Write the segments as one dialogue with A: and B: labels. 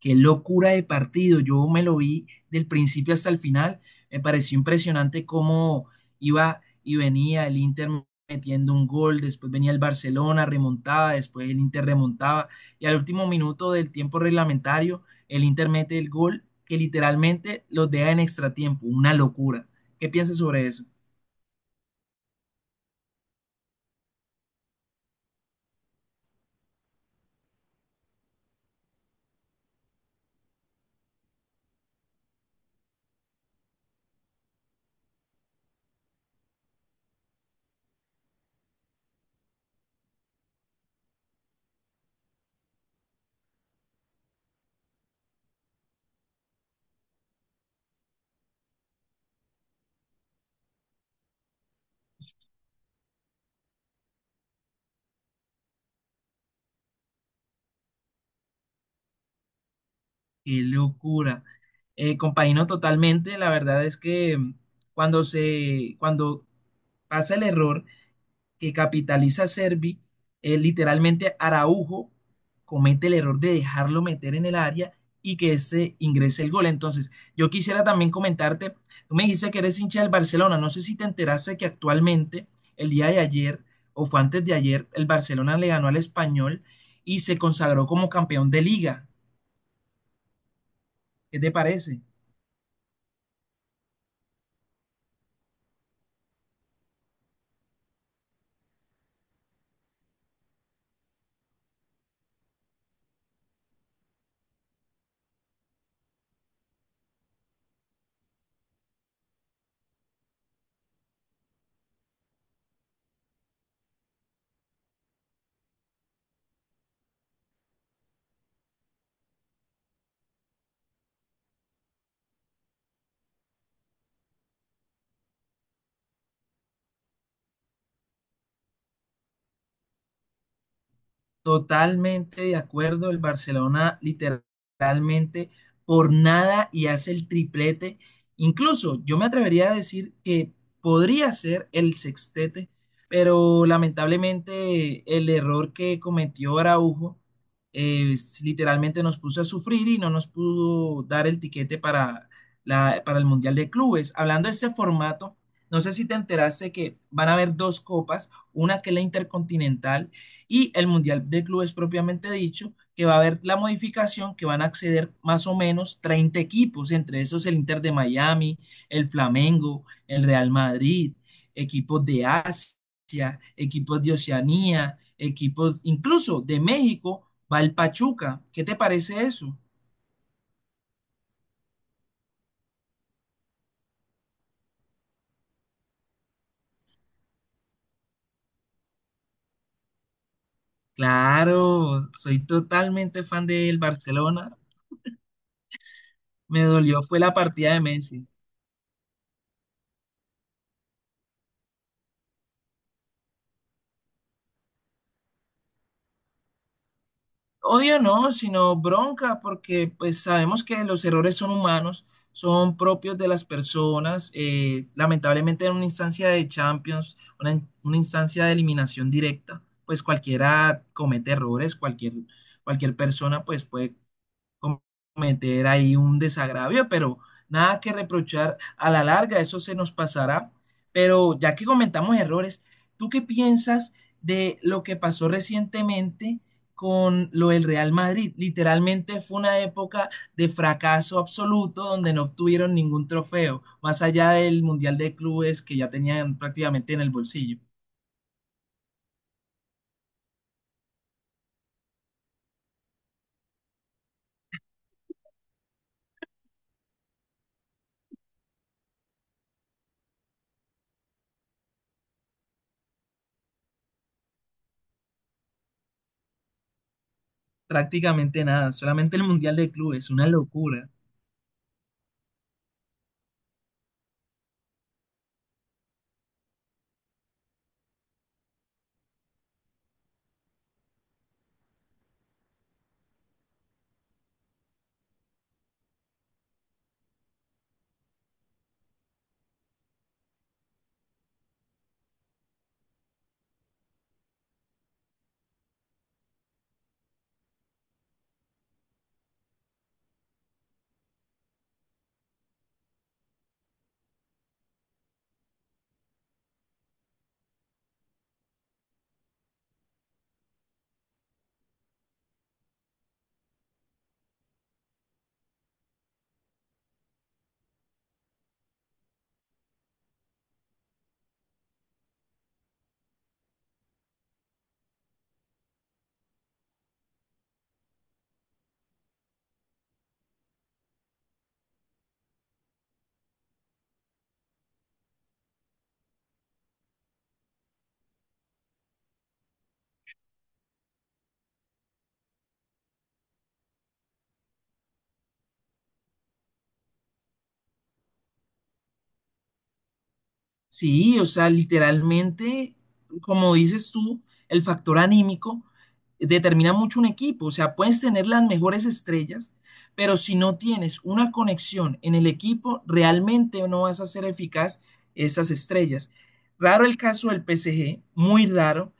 A: Qué locura de partido. Yo me lo vi del principio hasta el final. Me pareció impresionante cómo iba y venía el Inter metiendo un gol, después venía el Barcelona, remontaba, después el Inter remontaba y al último minuto del tiempo reglamentario el Inter mete el gol que literalmente los deja en extratiempo. Una locura. ¿Qué piensas sobre eso? Qué locura. Compañero, totalmente. La verdad es que cuando pasa el error que capitaliza a Servi. Literalmente Araujo comete el error de dejarlo meter en el área y que ese ingrese el gol. Entonces, yo quisiera también comentarte, tú me dijiste que eres hincha del Barcelona, no sé si te enteraste que actualmente, el día de ayer o fue antes de ayer, el Barcelona le ganó al Español y se consagró como campeón de liga. ¿Qué te parece? Totalmente de acuerdo, el Barcelona literalmente por nada y hace el triplete. Incluso yo me atrevería a decir que podría ser el sextete, pero lamentablemente el error que cometió Araujo, literalmente nos puso a sufrir y no nos pudo dar el tiquete para el Mundial de Clubes. Hablando de ese formato, no sé si te enteraste que van a haber dos copas, una que es la Intercontinental y el Mundial de Clubes propiamente dicho, que va a haber la modificación que van a acceder más o menos 30 equipos, entre esos el Inter de Miami, el Flamengo, el Real Madrid, equipos de Asia, equipos de Oceanía, equipos incluso de México, va el Pachuca. ¿Qué te parece eso? Claro, soy totalmente fan del Barcelona. Me dolió, fue la partida de Messi. Odio no, sino bronca, porque pues sabemos que los errores son humanos, son propios de las personas. Eh, lamentablemente en una instancia de Champions, una instancia de eliminación directa, pues cualquiera comete errores, cualquier persona pues puede cometer ahí un desagravio, pero nada que reprochar a la larga, eso se nos pasará. Pero ya que comentamos errores, ¿tú qué piensas de lo que pasó recientemente con lo del Real Madrid? Literalmente fue una época de fracaso absoluto donde no obtuvieron ningún trofeo, más allá del Mundial de Clubes que ya tenían prácticamente en el bolsillo. Prácticamente nada, solamente el Mundial de Clubes, una locura. Sí, o sea, literalmente, como dices tú, el factor anímico determina mucho un equipo. O sea, puedes tener las mejores estrellas, pero si no tienes una conexión en el equipo, realmente no vas a ser eficaz esas estrellas. Raro el caso del PSG, muy raro.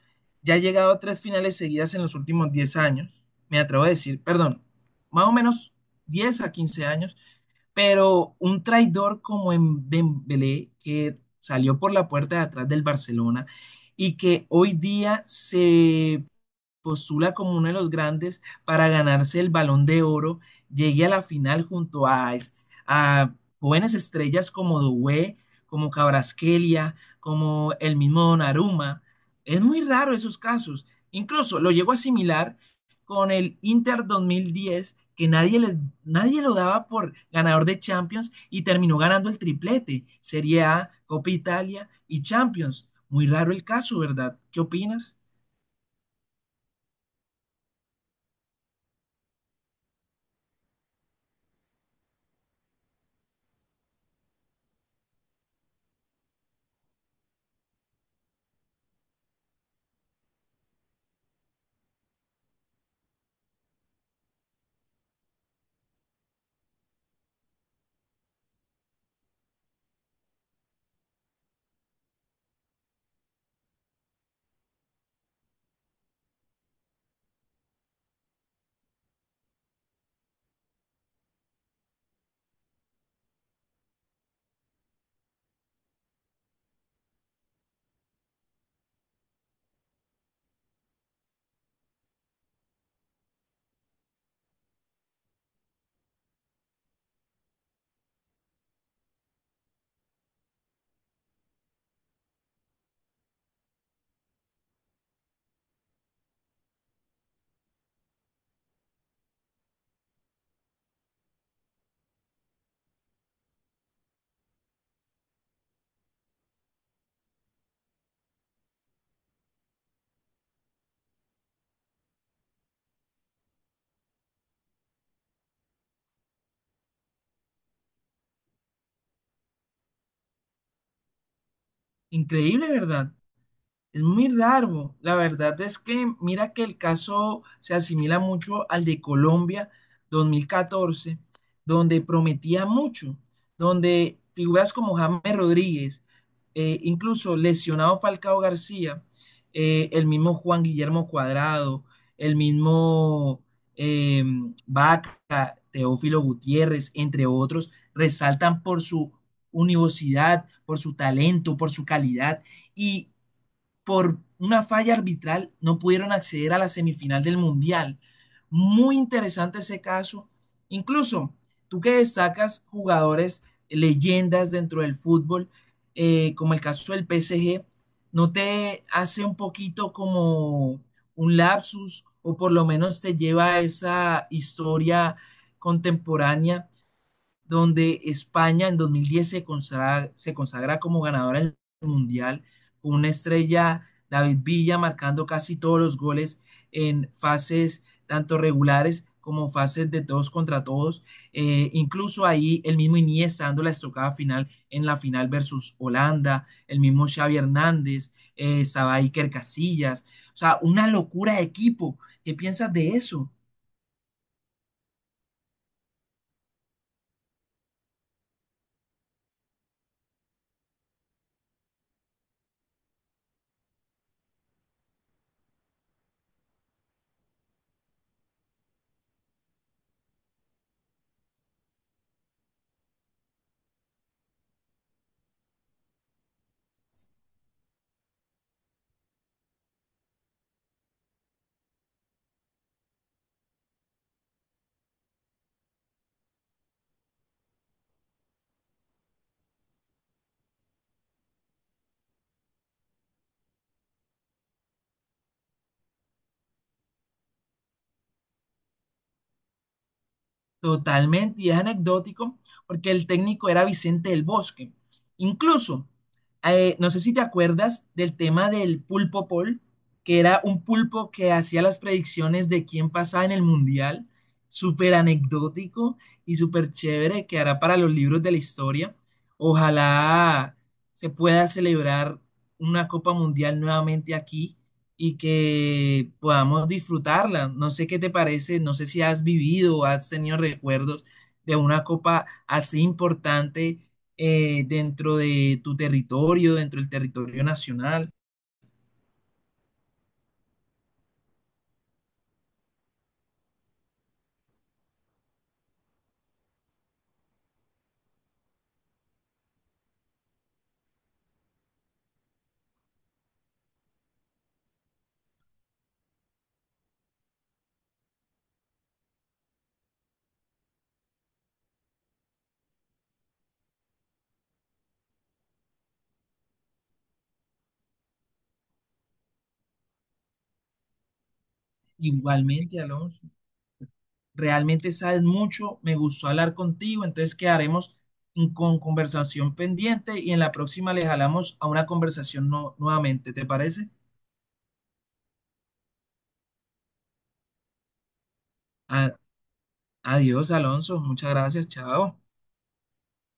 A: Ya ha llegado a tres finales seguidas en los últimos 10 años, me atrevo a decir, perdón, más o menos 10 a 15 años. Pero un traidor como en Dembélé, que salió por la puerta de atrás del Barcelona y que hoy día se postula como uno de los grandes para ganarse el Balón de Oro, llegue a la final junto a jóvenes estrellas como Doué, como Cabrasquelia, como el mismo Donnarumma. Es muy raro esos casos. Incluso lo llego a asimilar con el Inter 2010, que nadie lo daba por ganador de Champions y terminó ganando el triplete, Serie A, Copa Italia y Champions. Muy raro el caso, ¿verdad? ¿Qué opinas? Increíble, ¿verdad? Es muy raro. La verdad es que mira que el caso se asimila mucho al de Colombia 2014, donde prometía mucho, donde figuras como James Rodríguez, incluso lesionado Falcao García, el mismo Juan Guillermo Cuadrado, el mismo, eh, Vaca, Teófilo Gutiérrez, entre otros, resaltan por su universidad, por su talento, por su calidad y por una falla arbitral no pudieron acceder a la semifinal del Mundial. Muy interesante ese caso. Incluso tú que destacas jugadores, leyendas dentro del fútbol, como el caso del PSG, ¿no te hace un poquito como un lapsus o por lo menos te lleva a esa historia contemporánea donde España en 2010 se consagra como ganadora del Mundial, con una estrella David Villa marcando casi todos los goles en fases tanto regulares como fases de todos contra todos. Incluso ahí el mismo Iniesta dando la estocada final en la final versus Holanda, el mismo Xavi Hernández, estaba Iker Casillas. O sea, una locura de equipo. ¿Qué piensas de eso? Totalmente, y es anecdótico porque el técnico era Vicente del Bosque. Incluso, no sé si te acuerdas del tema del pulpo Paul, que era un pulpo que hacía las predicciones de quién pasaba en el mundial, súper anecdótico y súper chévere, que hará para los libros de la historia. Ojalá se pueda celebrar una Copa Mundial nuevamente aquí y que podamos disfrutarla. No sé qué te parece, no sé si has vivido o has tenido recuerdos de una copa así importante, dentro de tu territorio, dentro del territorio nacional. Igualmente, Alonso, realmente sabes mucho, me gustó hablar contigo, entonces quedaremos con conversación pendiente y en la próxima le jalamos a una conversación nuevamente, ¿te parece? A- Adiós, Alonso, muchas gracias, chao.